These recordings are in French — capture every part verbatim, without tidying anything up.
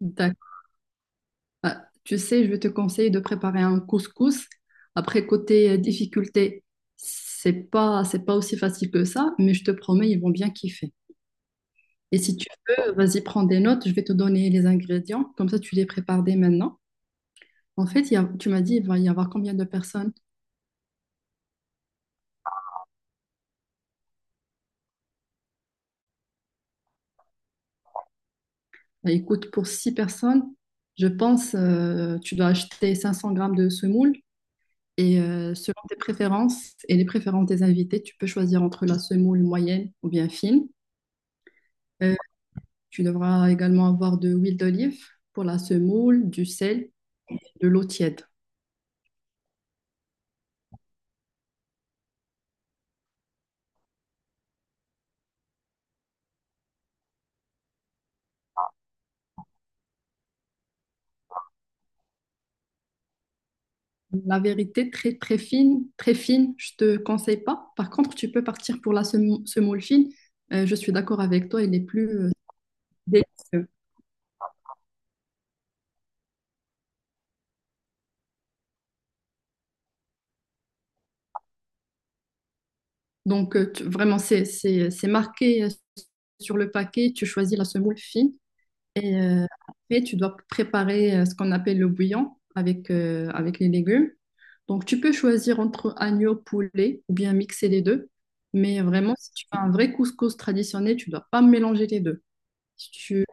D'accord. Ah, Tu sais, je vais te conseiller de préparer un couscous. Après, côté euh, difficulté, c'est pas, c'est pas aussi facile que ça, mais je te promets, ils vont bien kiffer. Et si tu veux, vas-y, prends des notes, je vais te donner les ingrédients, comme ça tu les prépares dès maintenant. En fait, il y a- tu m'as dit, il va y avoir combien de personnes? Bah, écoute, pour six personnes, je pense, euh, tu dois acheter cinq cents grammes de semoule. Et euh, selon tes préférences et les préférences des invités, tu peux choisir entre la semoule moyenne ou bien fine. Euh, Tu devras également avoir de l'huile d'olive pour la semoule, du sel, de l'eau tiède. La vérité, très très fine, très fine, je ne te conseille pas. Par contre, tu peux partir pour la semou- semoule fine. Euh, je suis d'accord avec toi, elle est plus euh, délicieuse. Donc, euh, tu- vraiment, c'est c'est- c'est marqué euh, sur le paquet, tu choisis la semoule fine. Et euh, après, tu dois préparer euh, ce qu'on appelle le bouillon avec, euh, avec les légumes. Donc, tu peux choisir entre agneau, poulet ou bien mixer les deux. Mais vraiment, si tu fais un vrai couscous traditionnel, tu dois pas mélanger les deux. Si tu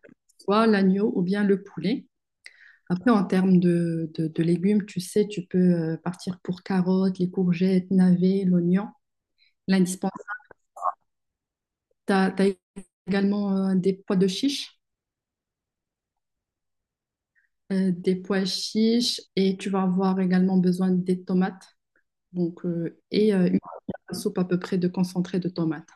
vois l'agneau ou bien le poulet. Après, en termes de, de, de légumes, tu sais, tu peux euh, partir pour carottes, les courgettes, navets, l'oignon, l'indispensable. Tu as, également euh, des pois de chiche. Euh, des pois chiches et tu vas avoir également besoin des tomates donc, euh, et euh, une soupe à peu près de concentré de tomates.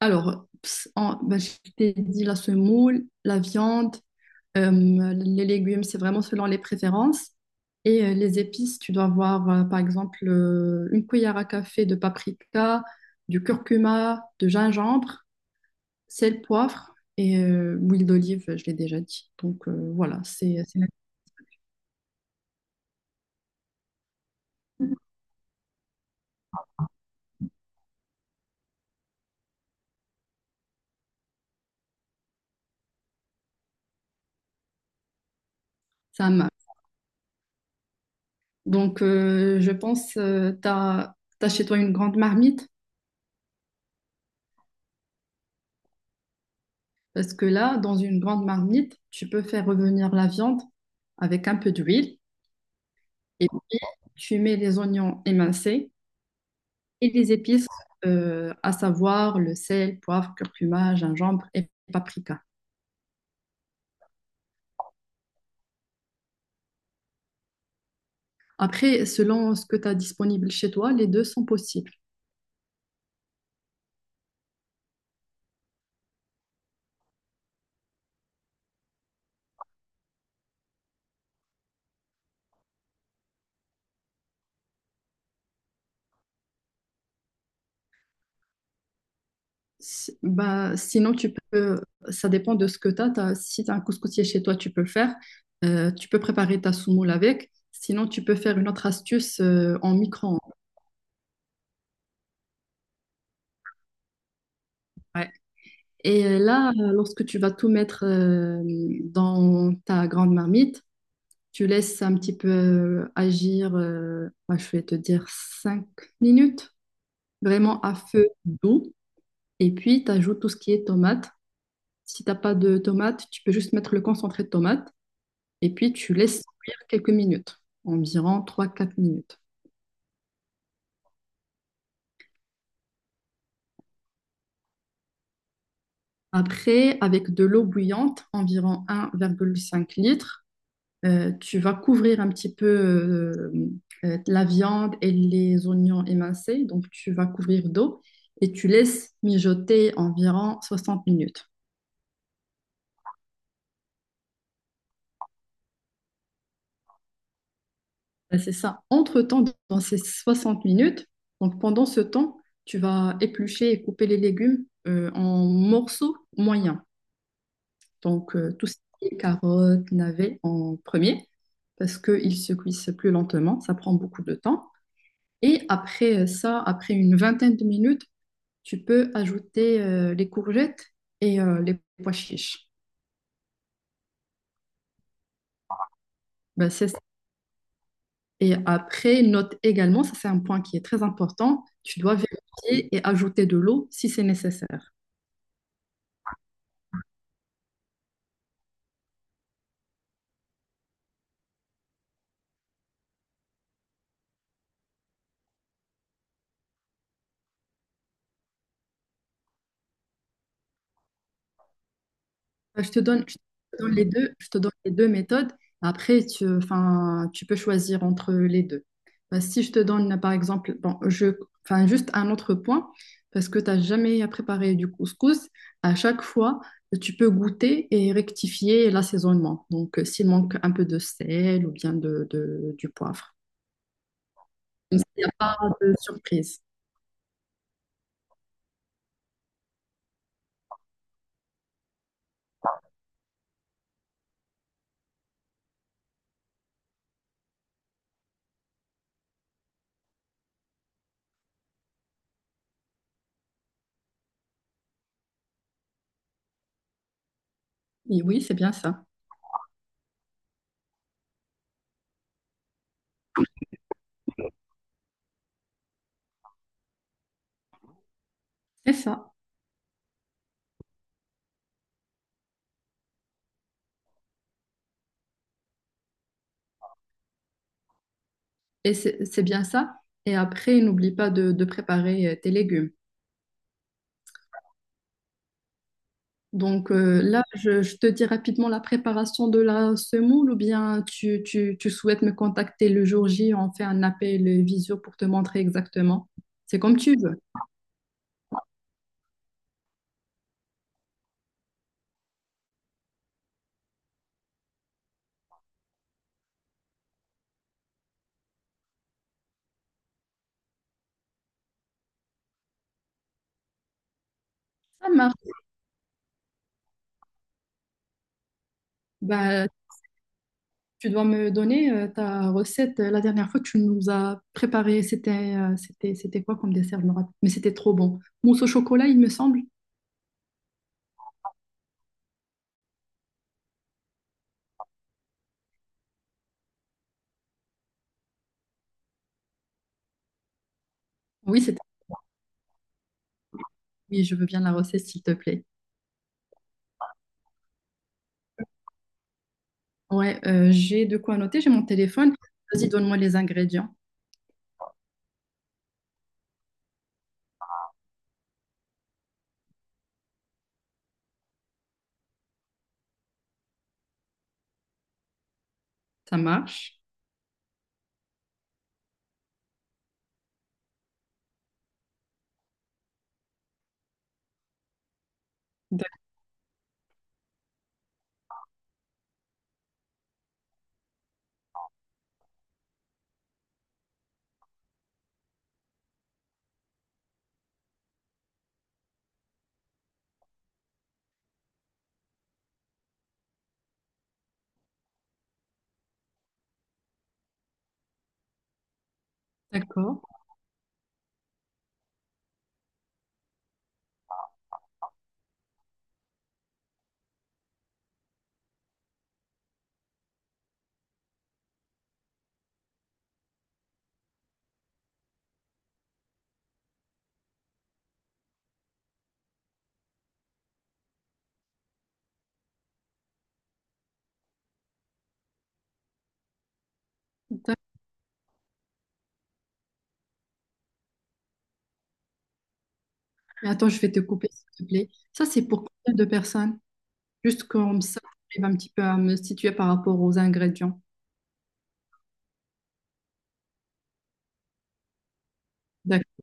Alors, ps- en- ben, je t'ai dit la semoule, la viande, euh, les légumes, c'est vraiment selon les préférences. Et euh, les épices, tu dois avoir euh, par exemple euh, une cuillère à café de paprika, du curcuma, de gingembre, sel, poivre et euh, l'huile d'olive, je l'ai déjà dit. Donc euh, voilà, c'est c'est- c'est Donc, euh, je pense, euh, t'as, t'as chez toi une grande marmite, parce que là, dans une grande marmite, tu peux faire revenir la viande avec un peu d'huile, et puis tu mets les oignons émincés et les épices, euh, à savoir le sel, poivre, curcuma, gingembre et paprika. Après, selon ce que tu as disponible chez toi, les deux sont possibles. Si- Bah, sinon, tu peux, ça dépend de ce que tu as. Si tu as un couscoussier chez toi, tu peux le faire. Euh, tu peux préparer ta soumoule avec. Sinon, tu peux faire une autre astuce euh, en micro-ondes. Ouais. Et euh, là, euh, lorsque tu vas tout mettre euh, dans ta grande marmite, tu laisses un petit peu euh, agir, euh, bah, je vais te dire cinq minutes, vraiment à feu doux. Et puis, tu ajoutes tout ce qui est tomate. Si tu n'as pas de tomate, tu peux juste mettre le concentré de tomate. Et puis, tu laisses cuire quelques minutes, environ trois-quatre minutes. Après, avec de l'eau bouillante, environ un virgule cinq litre, euh, tu vas couvrir un petit peu euh, euh, la viande et les oignons émincés. Donc, tu vas couvrir d'eau et tu laisses mijoter environ soixante minutes. Ben, c'est ça. Entre-temps, dans ces soixante minutes, donc pendant ce temps, tu vas éplucher et couper les légumes euh, en morceaux moyens. Donc, euh, tout ce qui est carottes, navets en premier, parce qu'ils se cuisent plus lentement, ça prend beaucoup de temps. Et après euh, ça, après une vingtaine de minutes, tu peux ajouter euh, les courgettes et euh, les pois chiches. Ben, c'est ça. Et après, note également, ça c'est un point qui est très important, tu dois vérifier et ajouter de l'eau si c'est nécessaire. Bah, Je te donne, je te donne les deux, je te donne les deux méthodes. Après, tu, enfin, tu peux choisir entre les deux. Bah, si je te donne, par exemple, bon, je, enfin, juste un autre point, parce que tu n'as jamais préparé du couscous, à chaque fois, tu peux goûter et rectifier l'assaisonnement. Donc, euh, s'il manque un peu de sel ou bien de, de- du poivre. Comme ça, il n'y a pas de surprise. Et oui, c'est bien ça. C'est ça. Et c'est c'est bien ça. Et après, n'oublie pas de de préparer euh, tes légumes. Donc euh, là, je, je te dis rapidement la préparation de la semoule ou bien tu, tu, tu souhaites me contacter le jour J, on fait un appel visio pour te montrer exactement. C'est comme tu veux. Ça marche. Bah, tu dois me donner euh, ta recette. La dernière fois, tu nous as préparé, c'était euh, c'était, c'était quoi comme dessert, je me rappelle. Mais c'était trop bon. Mousse au chocolat, il me semble. Oui, c'était. Oui, je veux bien la recette, s'il te plaît. Ouais, euh, j'ai de quoi noter, j'ai mon téléphone. Vas-y, donne-moi les ingrédients. Ça marche. D'accord. D'accord. Mais attends, je vais te couper, s'il te plaît. Ça, c'est pour combien de personnes? Juste comme ça, j'arrive un petit peu à me situer par rapport aux ingrédients. D'accord.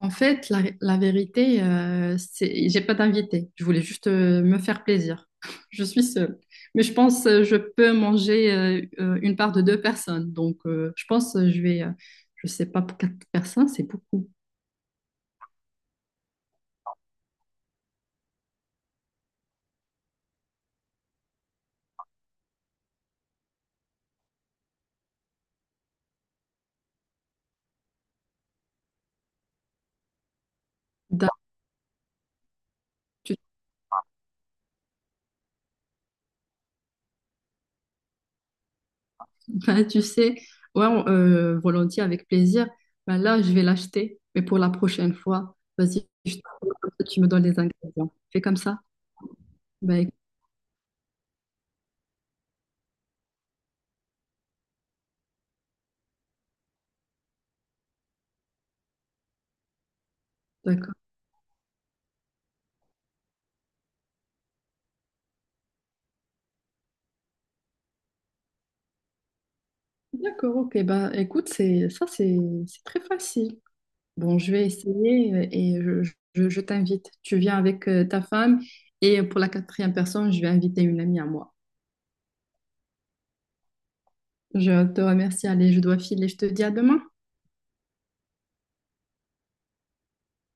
En fait, la, la vérité, euh, c'est, j'ai pas d'invité. Je voulais juste euh, me faire plaisir. Je suis seule. Mais je pense euh, je peux manger euh, euh, une part de deux personnes. Donc, euh, je pense euh, je vais, euh, je sais pas, pour quatre personnes, c'est beaucoup. D'accord. Bah, tu sais, ouais, on- euh, volontiers, avec plaisir. Bah, là, je vais l'acheter, mais pour la prochaine fois, vas-y, je te- comme ça, tu me donnes les ingrédients. Fais comme ça. Bah, écoute, d'accord. D'accord, ok. Bah, écoute, c'est ça, c'est c'est très facile. Bon, je vais essayer euh, et je, je- je t'invite. Tu viens avec euh, ta femme et pour la quatrième personne, je vais inviter une amie à moi. Je te remercie. Allez, je dois filer. Je te dis à demain.